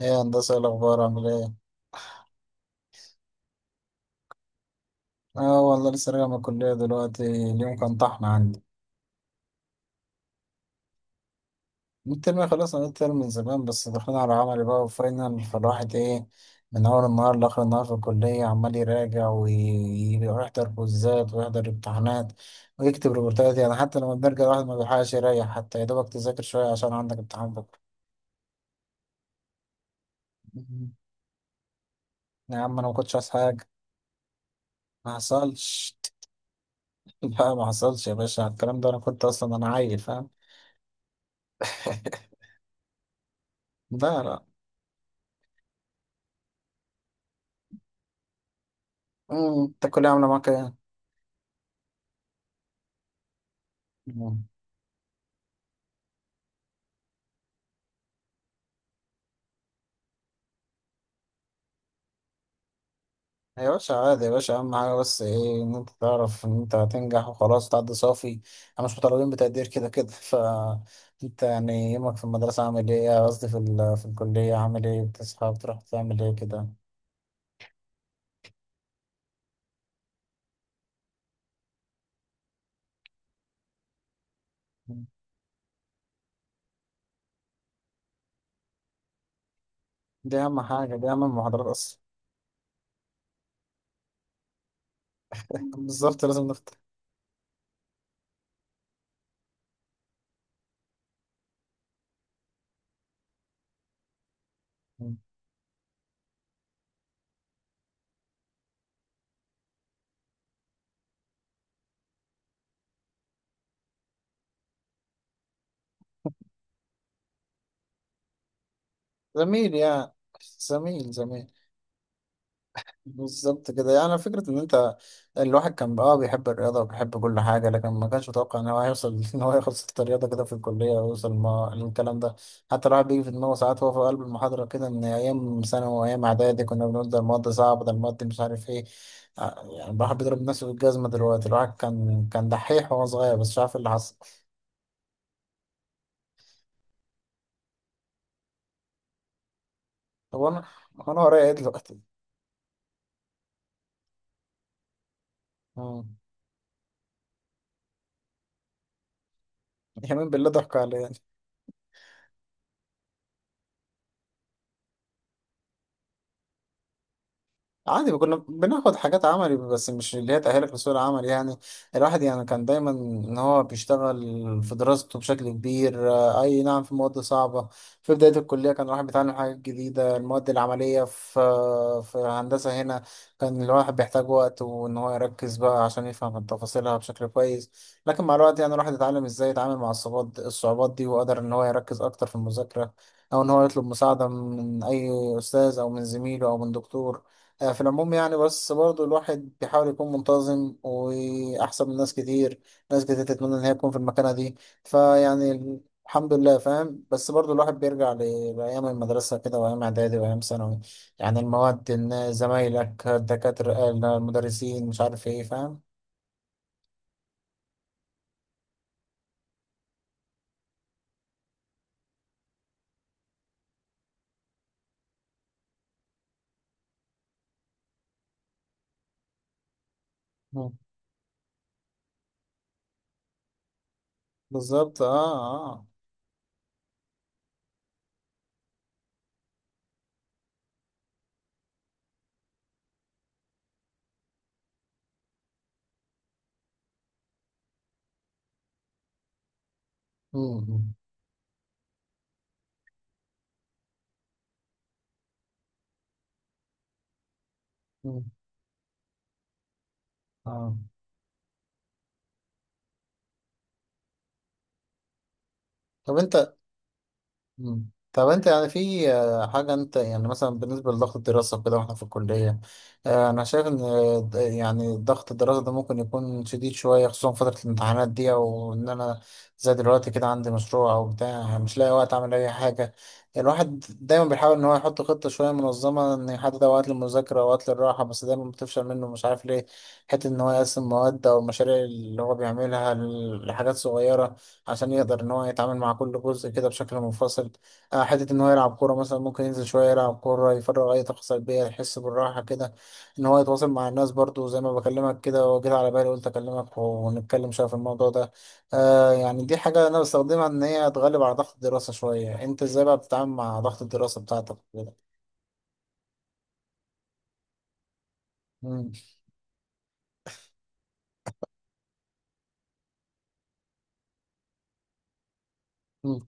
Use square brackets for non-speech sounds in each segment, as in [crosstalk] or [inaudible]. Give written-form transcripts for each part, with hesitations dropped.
ايه يا هندسة، إيه الأخبار؟ عامل ايه؟ اه والله لسه راجع من الكلية دلوقتي، اليوم كان طحن عندي. الترم خلصنا الترم من زمان بس دخلنا على عملي بقى وفاينل، فالواحد ايه، من أول النهار لآخر النهار في الكلية عمال يراجع ويحضر كوزات ويحضر امتحانات ويكتب ريبورتات، يعني حتى لما بنرجع الواحد ما بيلحقش يريح، حتى يا دوبك تذاكر شوية عشان عندك امتحان بكرة. مم. يا عم أنا ما كنتش عايز حاجة. ما حصلش. [laughs] لا ما حصلش يا باشا، على الكلام ده أنا كنت أصلا أنا عيل فاهم. [laughs] لا لا. مم، انت الكلية عاملة معاك ايه؟ مم. يا باشا عادي، يا باشا أهم حاجة بس ايه؟ إن أنت تعرف إن أنت هتنجح وخلاص تعدي صافي، احنا مش مطالبين بتقدير كده كده. [laughs] أنت يعني يومك في المدرسة عامل ايه؟ قصدي في الكلية عامل ايه؟ بتصحى بتروح تعمل ايه كده؟ مم. دي أهم حاجة، دي أهم المحاضرات أصلا. [laughs] بالظبط لازم نفتح. مم. زميل يا زميل زميل. بالظبط كده، يعني فكرة إن أنت الواحد كان بقى آه بيحب الرياضة وبيحب كل حاجة، لكن ما كانش متوقع إن هو هيوصل [laughs] إن هو ياخد ست رياضة كده في الكلية ويوصل ما للكلام ده. حتى الواحد بيجي في دماغه ساعات وهو في قلب المحاضرة كده إن أيام ثانوي وأيام إعدادي كنا بنقول ده المواد صعبة، ده المواد مش عارف إيه. يعني الواحد بيضرب نفسه بالجزمة دلوقتي، الواحد كان دحيح وهو صغير بس مش عارف إيه اللي حصل. طب أنا أنا ورايا إيه دلوقتي؟ مم. يمين بالله ضحك عليا. عادي كنا بناخد حاجات عملي بس مش اللي هي تأهلك لسوق العمل يعني. الواحد يعني كان دايما ان هو بيشتغل في دراسته بشكل كبير، آه، اي نعم في مواد صعبة، في بداية الكلية كان الواحد بيتعلم حاجات جديدة، المواد العملية في هندسة هنا كان الواحد بيحتاج وقت وان هو يركز بقى عشان يفهم تفاصيلها بشكل كويس. لكن مع الوقت يعني الواحد اتعلم ازاي يتعامل مع الصعوبات دي وقدر ان هو يركز اكتر في المذاكرة، او ان هو يطلب مساعدة من اي استاذ او من زميله او من دكتور. آه، في العموم يعني، بس برضو الواحد بيحاول يكون منتظم وأحسن من ناس كتير، ناس كتير تتمنى إن هي تكون في المكانة دي. فيعني الحمد لله فاهم، بس برضو الواحد بيرجع لأيام المدرسة كده وأيام إعدادي وأيام ثانوي. يعني المواد، إن زمايلك، الدكاترة، المدرسين، مش عارف إيه فاهم. مم. بالظبط آه. آه. مم. مم. اه. طب انت مم. طب انت يعني في آه، حاجة، انت يعني مثلا بالنسبة لضغط الدراسة وكده واحنا في الكلية، آه، انا شايف ان آه، يعني ضغط الدراسة ده ممكن يكون شديد شوية خصوصا فترة الامتحانات دي، او ان انا زي دلوقتي كده عندي مشروع او بتاع مش لاقي وقت اعمل اي حاجة. الواحد دايما بيحاول ان هو يحط خطة شوية منظمة، ان يحدد اوقات للمذاكرة واوقات للراحة، بس دايما بتفشل منه مش عارف ليه. حتة ان هو يقسم مواد او المشاريع اللي هو بيعملها لحاجات صغيرة عشان يقدر ان هو يتعامل مع كل جزء كده بشكل منفصل. آه، حته ان هو يلعب كوره مثلا، ممكن ينزل شويه يلعب كوره يفرغ اي طاقه سلبيه يحس بالراحه كده، ان هو يتواصل مع الناس برضو زي ما بكلمك كده، وجيت على بالي قلت اكلمك ونتكلم شويه في الموضوع ده. آه يعني دي حاجه انا بستخدمها ان هي تغلب على ضغط الدراسه شويه، انت ازاي بقى بتتعامل مع ضغط الدراسه بتاعتك كده؟ مم، مم،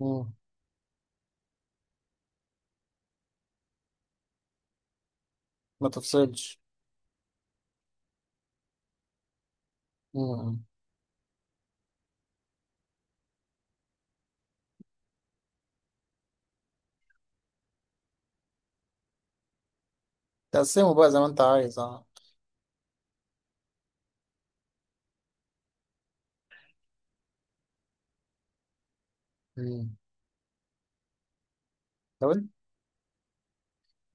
مم. ما تفصلش. مم. تقسمه بقى زي ما انت عايز اه. مم. طب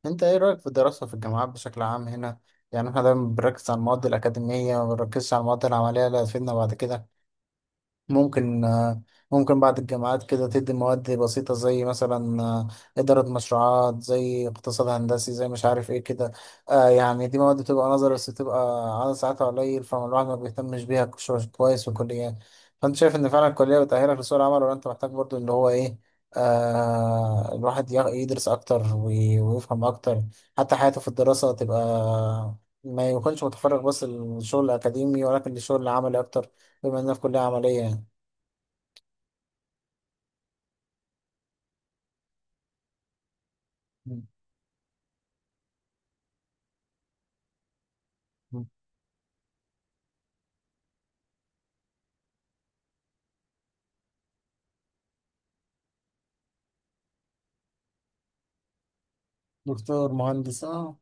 انت ايه رأيك في الدراسة في الجامعات بشكل عام هنا؟ يعني احنا دايما بنركز على المواد الأكاديمية وما بنركزش على المواد العملية اللي هتفيدنا بعد كده. ممكن آه، ممكن بعد الجامعات كده تدي مواد بسيطة زي مثلا آه، إدارة مشروعات، زي اقتصاد هندسي، زي مش عارف إيه كده. آه، يعني دي مواد بتبقى نظري بس بتبقى عدد ساعاتها قليل، فالواحد ما بيهتمش بيها كويس في الكلية. فأنت شايف إن فعلا الكلية بتأهلك لسوق العمل ولا أنت محتاج برضو اللي هو إيه؟ آه الواحد يدرس أكتر ويفهم أكتر، حتى حياته في الدراسة تبقى ما يكونش متفرغ بس للشغل الأكاديمي ولكن للشغل العملي أكتر، بما إننا في كلية عملية يعني. مم. دكتور مهندس اه.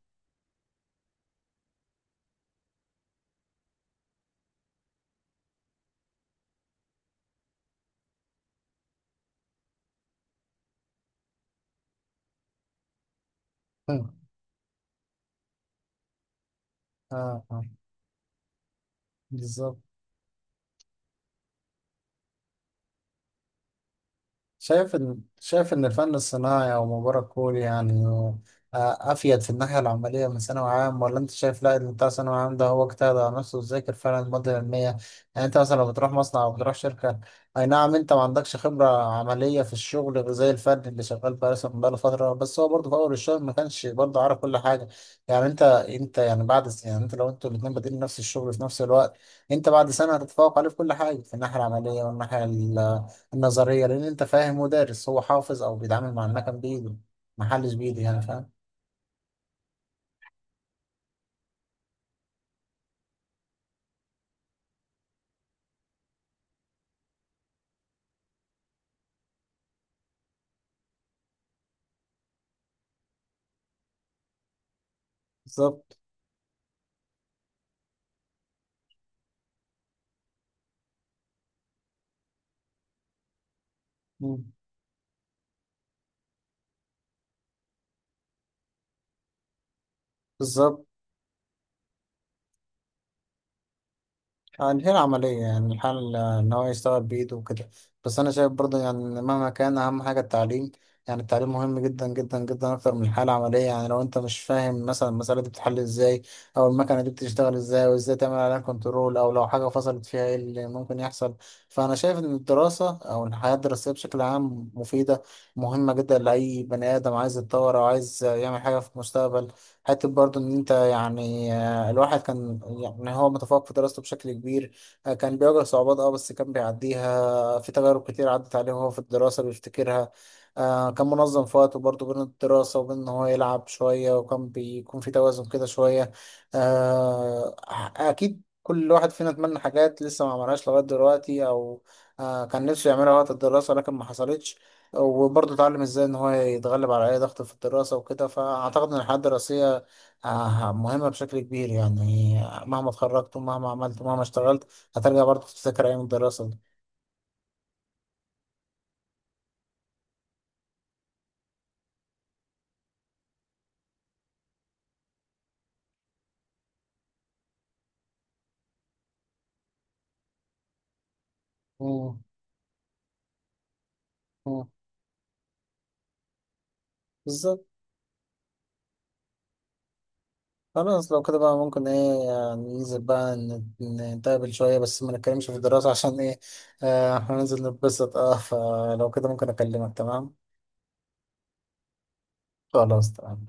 [laughs] اه آه. بالظبط. شايف إن شايف إن الفن الصناعي أو مباراة كوري يعني آه، أفيد في الناحية العملية من ثانوي عام؟ ولا أنت شايف لا، اللي بتاع ثانوي عام ده هو اجتهد على نفسه وذاكر فعلا المادة العلمية. يعني أنت مثلا لو بتروح مصنع أو بتروح شركة، أي نعم أنت ما عندكش خبرة عملية في الشغل، غير زي الفن اللي شغال بقى مثلا بقاله فترة، بس هو برضه في أول الشغل ما كانش برضه عارف كل حاجة. يعني أنت يعني بعد يعني أنت لو أنتوا الاتنين بادئين نفس الشغل في نفس الوقت، أنت بعد سنة هتتفوق عليه في كل حاجة في الناحية العملية والناحية النظرية، لأن أنت فاهم مدرس هو حافظ أو بيتعامل مع المكن بإيده، محلش بإيده يعني فاهم. بالظبط. مم. بالظبط. هي العملية يعني الحل إن هو يشتغل بإيده وكده. بس أنا شايف برضه يعني إن مهما كان أهم حاجة التعليم، يعني التعليم مهم جدا جدا جدا أكتر من الحالة العملية. يعني لو أنت مش فاهم مثلا المسألة دي بتتحل إزاي أو المكنة دي بتشتغل إزاي وإزاي تعمل عليها كنترول أو لو حاجة فصلت فيها إيه اللي ممكن يحصل. فأنا شايف إن الدراسة أو الحياة الدراسية بشكل عام مفيدة، مهمة جدا لأي بني آدم عايز يتطور أو عايز يعمل حاجة في المستقبل. حتى برضه إن أنت يعني آه، الواحد كان يعني هو متفوق في دراسته بشكل كبير، آه، كان بيواجه صعوبات اه بس كان بيعديها، في تجارب كتير عدت عليه وهو في الدراسة بيفتكرها. آه، كان منظم في وقته برضه بين الدراسة وبين إن هو يلعب شوية، وكان بيكون في توازن كده شوية. آه، أكيد كل واحد فينا اتمنى حاجات لسه ما عملهاش لغاية دلوقتي أو آه، كان نفسه يعملها وقت الدراسة لكن ما حصلتش. وبرضه اتعلم ازاي ان هو يتغلب على اي ضغط في الدراسة وكده، فاعتقد ان الحياة الدراسية آه، مهمة بشكل كبير يعني. مهما اتخرجت ومهما عملت ومهما اشتغلت، هترجع برضه تفتكر أيام الدراسة دي. مم. مم. بالظبط. خلاص لو كده بقى، ممكن ايه يعني ننزل بقى نتقابل شوية بس ما نتكلمش في الدراسة [laughs] عشان ايه، آه، هننزل نتبسط اه، فلو كده ممكن أكلمك تمام. خلاص تمام.